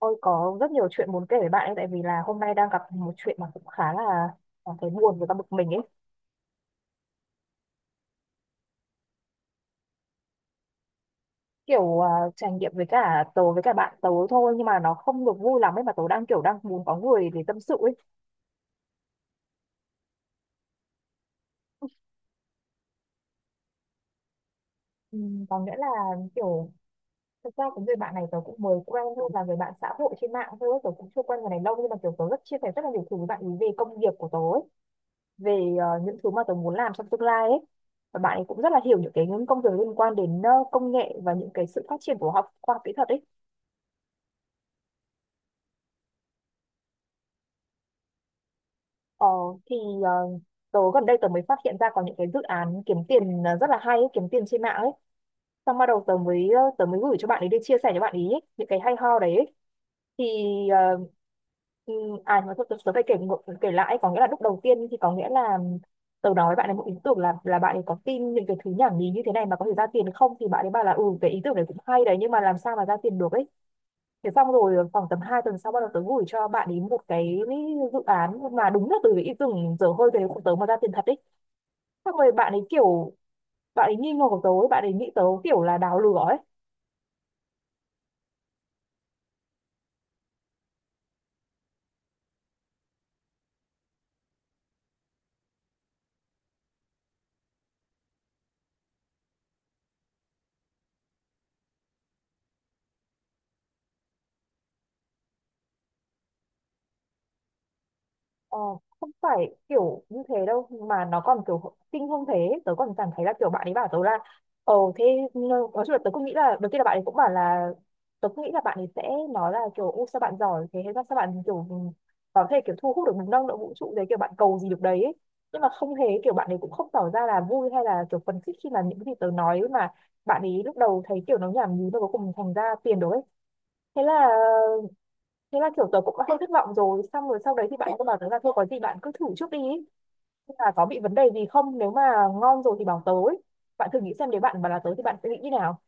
Tôi có rất nhiều chuyện muốn kể với bạn ấy tại vì là hôm nay đang gặp một chuyện mà cũng khá là cảm thấy buồn và cả bực mình ấy. Kiểu à, trải nghiệm với cả tớ với cả bạn tớ thôi nhưng mà nó không được vui lắm ấy mà tớ đang đang muốn có người để tâm sự ấy. Ừ, có nghĩa là kiểu thực ra cái người bạn này tớ cũng mới quen thôi, là người bạn xã hội trên mạng thôi, tớ cũng chưa quen người này lâu nhưng mà kiểu tớ rất chia sẻ rất là nhiều thứ với bạn ấy về công việc của tớ ấy, về những thứ mà tớ muốn làm trong tương lai ấy. Và bạn ấy cũng rất là hiểu những cái những công việc liên quan đến công nghệ và những cái sự phát triển của học khoa học kỹ thuật ấy. Ờ, thì ờ, Tớ gần đây mới phát hiện ra có những cái dự án kiếm tiền rất là hay ấy, kiếm tiền trên mạng ấy. Xong bắt đầu tớ mới tớ mới gửi cho bạn ấy để chia sẻ cho bạn ấy những cái hay ho đấy ấy. Thì ờ, ừ, à Nhưng mà thôi tớ phải kể kể lại, có nghĩa là lúc đầu tiên thì có nghĩa là tớ nói với bạn ấy một ý tưởng là bạn ấy có tin những cái thứ nhảm nhí như thế này mà có thể ra tiền không, thì bạn ấy bảo là ừ cái ý tưởng này cũng hay đấy nhưng mà làm sao mà ra tiền được ấy. Thế xong rồi khoảng tầm 2 tuần sau bắt đầu tớ gửi cho bạn ấy một cái dự án mà đúng là từ cái ý tưởng dở hơi về của tớ mà ra tiền thật ấy. Xong rồi bạn ấy kiểu bạn ấy nghi ngờ của tớ, ấy, bạn ấy nghĩ tớ kiểu là đào lừa ấy. Ờ, không phải kiểu như thế đâu mà nó còn kiểu kinh hơn thế, tớ còn cảm thấy là kiểu bạn ấy bảo tớ là ờ thế nói chung là tớ cũng nghĩ là đầu tiên là bạn ấy cũng bảo là tớ cũng nghĩ là bạn ấy sẽ nói là kiểu u sao bạn giỏi thế, hay là sao bạn kiểu ừ, có thể kiểu thu hút được năng lượng vũ trụ đấy, kiểu bạn cầu gì được đấy ấy. Nhưng mà không hề, kiểu bạn ấy cũng không tỏ ra là vui hay là kiểu phấn khích khi mà những cái gì tớ nói mà bạn ấy lúc đầu thấy kiểu nó nhảm nhí mà cuối cùng thành ra tiền đồ ấy. thế là Thế là kiểu tớ cũng đã hơi thất vọng rồi. Xong rồi sau đấy thì bạn cứ bảo tớ là thôi có gì bạn cứ thử trước đi ý. Là có bị vấn đề gì không, nếu mà ngon rồi thì bảo tớ ấy. Bạn thử nghĩ xem nếu bạn mà là tớ thì bạn sẽ nghĩ như nào.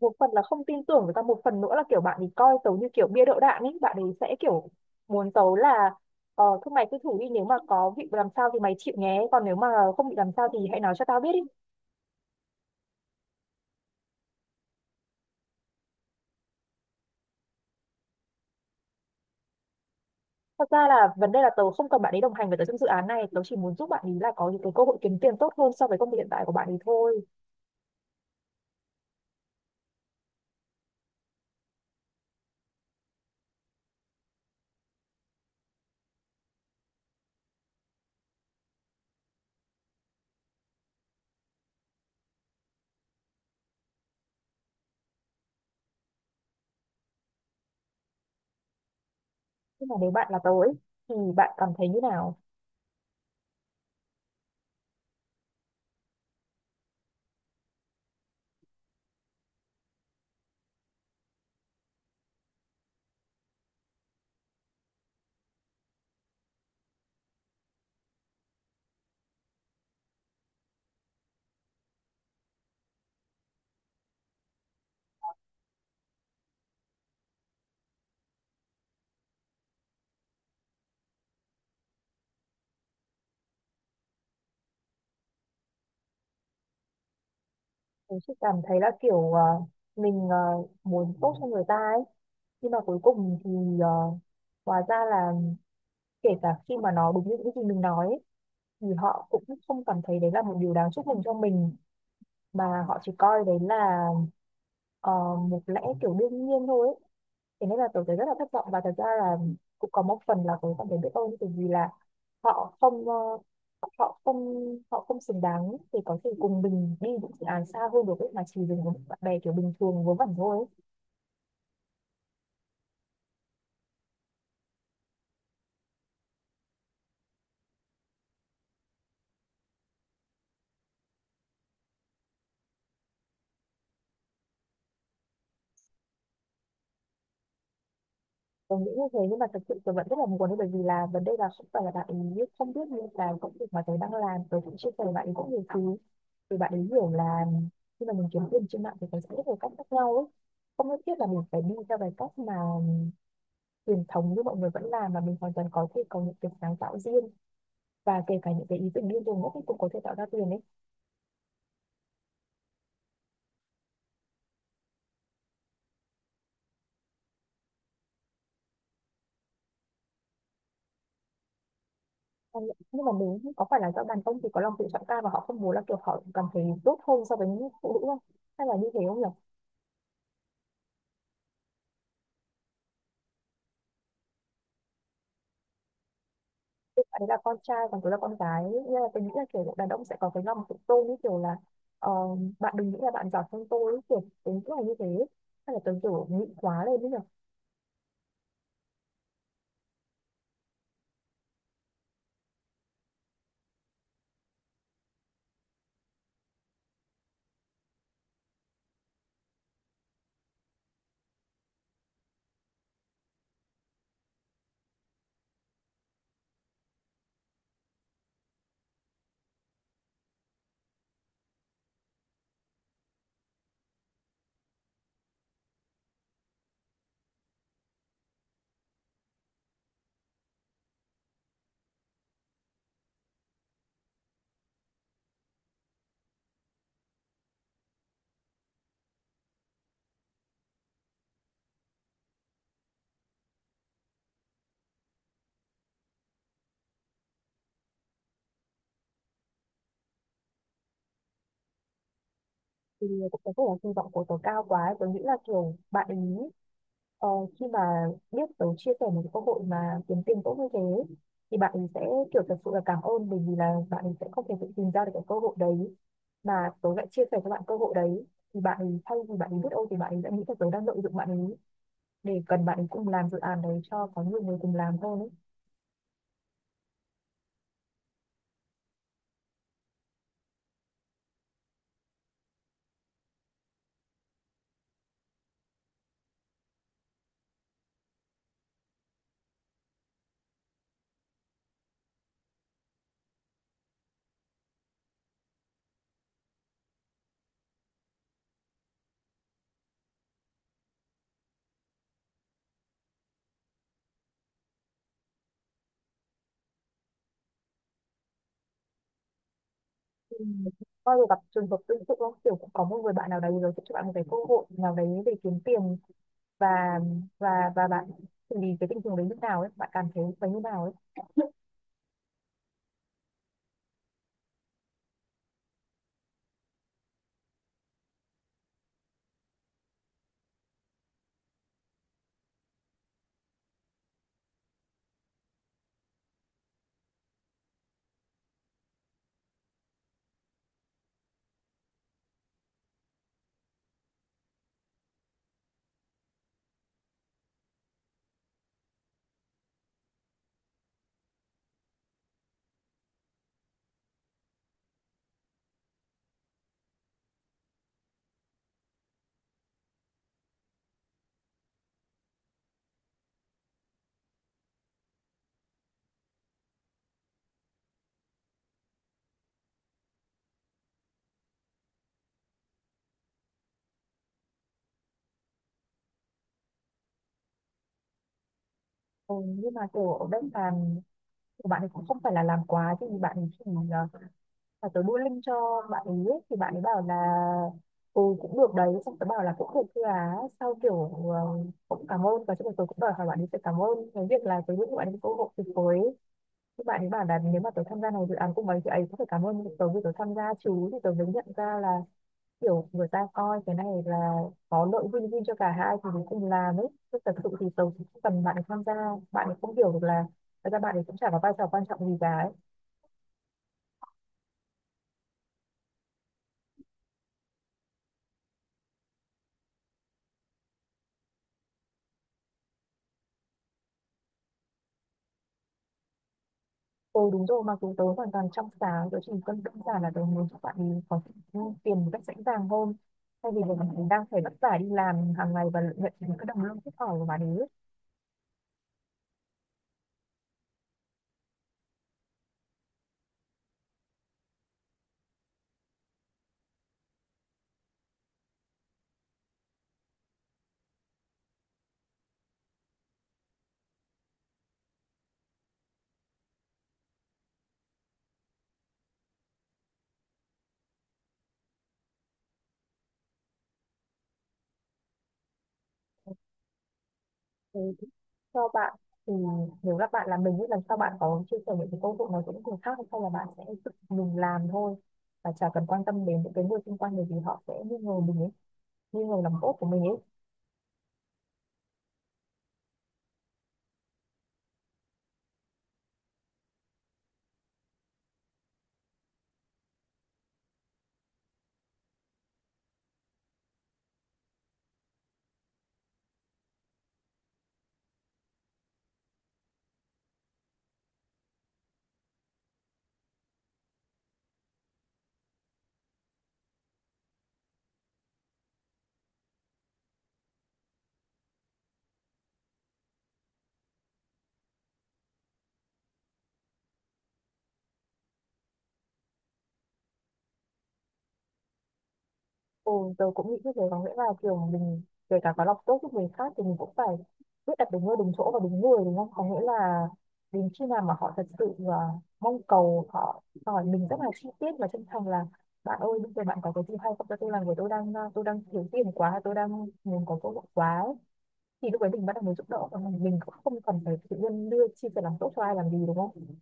Một phần là không tin tưởng, với cả một phần nữa là kiểu bạn thì coi tớ như kiểu bia đỡ đạn ấy. Bạn ấy sẽ kiểu muốn tớ là ờ thôi mày cứ thử đi, nếu mà có bị làm sao thì mày chịu nhé, còn nếu mà không bị làm sao thì hãy nói cho tao biết đi. Thật ra là vấn đề là tớ không cần bạn ấy đồng hành với tớ trong dự án này. Tớ chỉ muốn giúp bạn ấy là có những cái cơ hội kiếm tiền tốt hơn so với công việc hiện tại của bạn ấy thôi. Nhưng mà nếu bạn là tớ ấy, thì bạn cảm thấy như nào? Tớ chỉ cảm thấy là kiểu mình muốn tốt cho người ta ấy. Nhưng mà cuối cùng thì ờ, hóa ra là kể cả khi mà nó đúng như những gì mình nói ấy, thì họ cũng không cảm thấy đấy là một điều đáng chúc mừng cho mình mà họ chỉ coi đấy là ờ, một lẽ kiểu đương nhiên thôi ấy. Thế nên là tớ thấy rất là thất vọng và thật ra là cũng có một phần là tớ cảm thấy biết ơn từ vì là họ không họ không họ không xứng đáng thì có thể cùng mình đi những dự án xa hơn được ấy, mà chỉ dừng với những bạn bè kiểu bình thường vớ vẩn thôi ấy. Tớ nghĩ như thế nhưng mà thật sự tớ vẫn rất là muốn ấy, bởi vì là vấn đề là không phải là bạn ấy không biết, như là công việc mà tớ đang làm tớ cũng chia sẻ với bạn ấy cũng nhiều thứ, thì bạn ấy hiểu là khi mà mình kiếm tiền trên mạng thì có rất nhiều cách khác nhau ấy, không nhất thiết là mình phải đi theo cái cách mà truyền thống như mọi người vẫn làm, mà mình hoàn toàn có thể có những cái sáng tạo riêng, và kể cả những cái ý tưởng điên rồ ngốc ấy cũng có thể tạo ra tiền đấy. Nhưng mà mình nghĩ có phải là do đàn ông thì có lòng tự trọng cao và họ không muốn là kiểu họ cảm thấy tốt hơn so với những phụ nữ không, hay là như thế không nhỉ. Tức là con trai còn tôi là con gái nên là tôi nghĩ là kiểu đàn ông sẽ có cái lòng tự tôn như kiểu là ờ, bạn đừng nghĩ là bạn giỏi hơn tôi ấy, kiểu tính là như thế, hay là tôi kiểu nghĩ quá lên ấy nhỉ? Thì cũng có thể là kỳ vọng của tớ cao quá ấy. Tớ nghĩ là kiểu bạn ý ờ, khi mà biết tớ chia sẻ một cái cơ hội mà kiếm tiền tốt như thế thì bạn ấy sẽ kiểu thật sự là cảm ơn, bởi vì là bạn ấy sẽ không thể tự tìm ra được cái cơ hội đấy mà tớ lại chia sẻ cho bạn cơ hội đấy, thì bạn ấy thay vì bạn ấy biết ơn thì bạn ấy đã nghĩ là tớ đang lợi dụng bạn ấy để cần bạn ấy cùng làm dự án đấy cho có nhiều người cùng làm hơn ấy. Ừ. Bao giờ gặp trường hợp tương tự không? Kiểu cũng có một người bạn nào đấy rồi sẽ cho bạn một cái cơ hội nào đấy để kiếm tiền, và bạn xử lý cái tình huống đấy như nào ấy, bạn cảm thấy phải như nào ấy. Ừ, nhưng mà kiểu ở bên sàn của bạn ấy cũng không phải là làm quá, thì bạn ấy chỉ là tớ đưa link cho bạn ấy ấy, thì bạn ấy bảo là ừ cũng được đấy, xong tớ bảo là cũng được thưa á, sau kiểu cũng cảm ơn và chúng tôi cũng đòi hỏi bạn ấy phải cảm ơn cái việc là tớ giúp bạn ấy cơ hội tuyệt vời ấy. Thì bạn ấy bảo là nếu mà tớ tham gia này dự án cùng ấy thì ấy cũng phải cảm ơn tớ vì tớ tham gia chứ, thì tớ mới nhận ra là kiểu người ta coi cái này là có lợi win-win cho cả hai thì mình cùng làm ấy, chứ thật sự thì tớ cũng không cần bạn ấy tham gia. Bạn ấy không hiểu được là thật ra bạn ấy cũng chả có vai trò quan trọng gì cả ấy. Ừ đúng rồi, mặc dù tớ hoàn toàn trong sáng, tớ chỉ cần đơn giản là tớ muốn cho bạn ấy có tiền một cách dễ dàng hơn thay vì là mình đang phải vất vả đi làm hàng ngày và nhận những cái đồng lương thấp ỏi của bạn ấy. Ừ, cho bạn thì nếu các bạn là mình, nghĩ lần sau bạn có chia sẻ những cái công việc này với những người khác hay không, là bạn sẽ tự mình làm thôi và chả cần quan tâm đến những cái người xung quanh bởi vì họ sẽ nghi ngờ mình ấy, nghi ngờ lòng tốt của mình ấy. Ừ, tớ cũng nghĩ như thế, có nghĩa là kiểu mình kể cả có lòng tốt giúp người khác thì mình cũng phải biết đặt đúng nơi đúng chỗ và đúng người, đúng không? Có nghĩa là đến khi nào mà họ thật sự mong cầu, họ hỏi mình rất là chi tiết và chân thành là bạn ơi bây giờ bạn có cái gì hay không cho tôi làm với, tôi đang tôi đang thiếu tiền quá, tôi đang muốn có cơ hội quá ấy. Thì lúc đấy mình bắt đầu mới giúp đỡ, còn mình cũng không cần phải tự nhiên đưa chi sẻ lòng tốt cho ai làm gì, đúng không?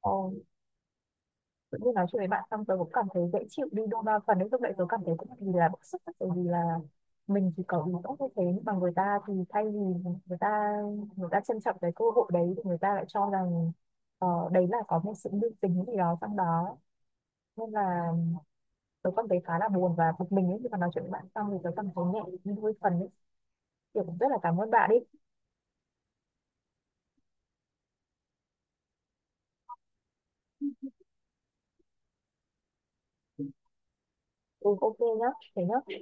Ờ, tự nhiên nói chuyện với bạn xong tớ cũng cảm thấy dễ chịu đi đôi ba phần ấy, lúc đấy tớ cảm thấy cũng vì là bức xúc tại vì là mình thì có ý tốt như thế nhưng mà người ta thì thay vì người ta người ta trân trọng cái cơ hội đấy thì người ta lại cho rằng đấy là có một sự lưu tình gì đó trong đó, nên là tớ cảm thấy khá là buồn và bực mình ấy. Khi mà nói chuyện với bạn xong thì tớ cảm thấy nhẹ đi đôi phần ấy, kiểu cũng rất là cảm ơn bạn ấy. Ừ, ok nhá, thế nhá.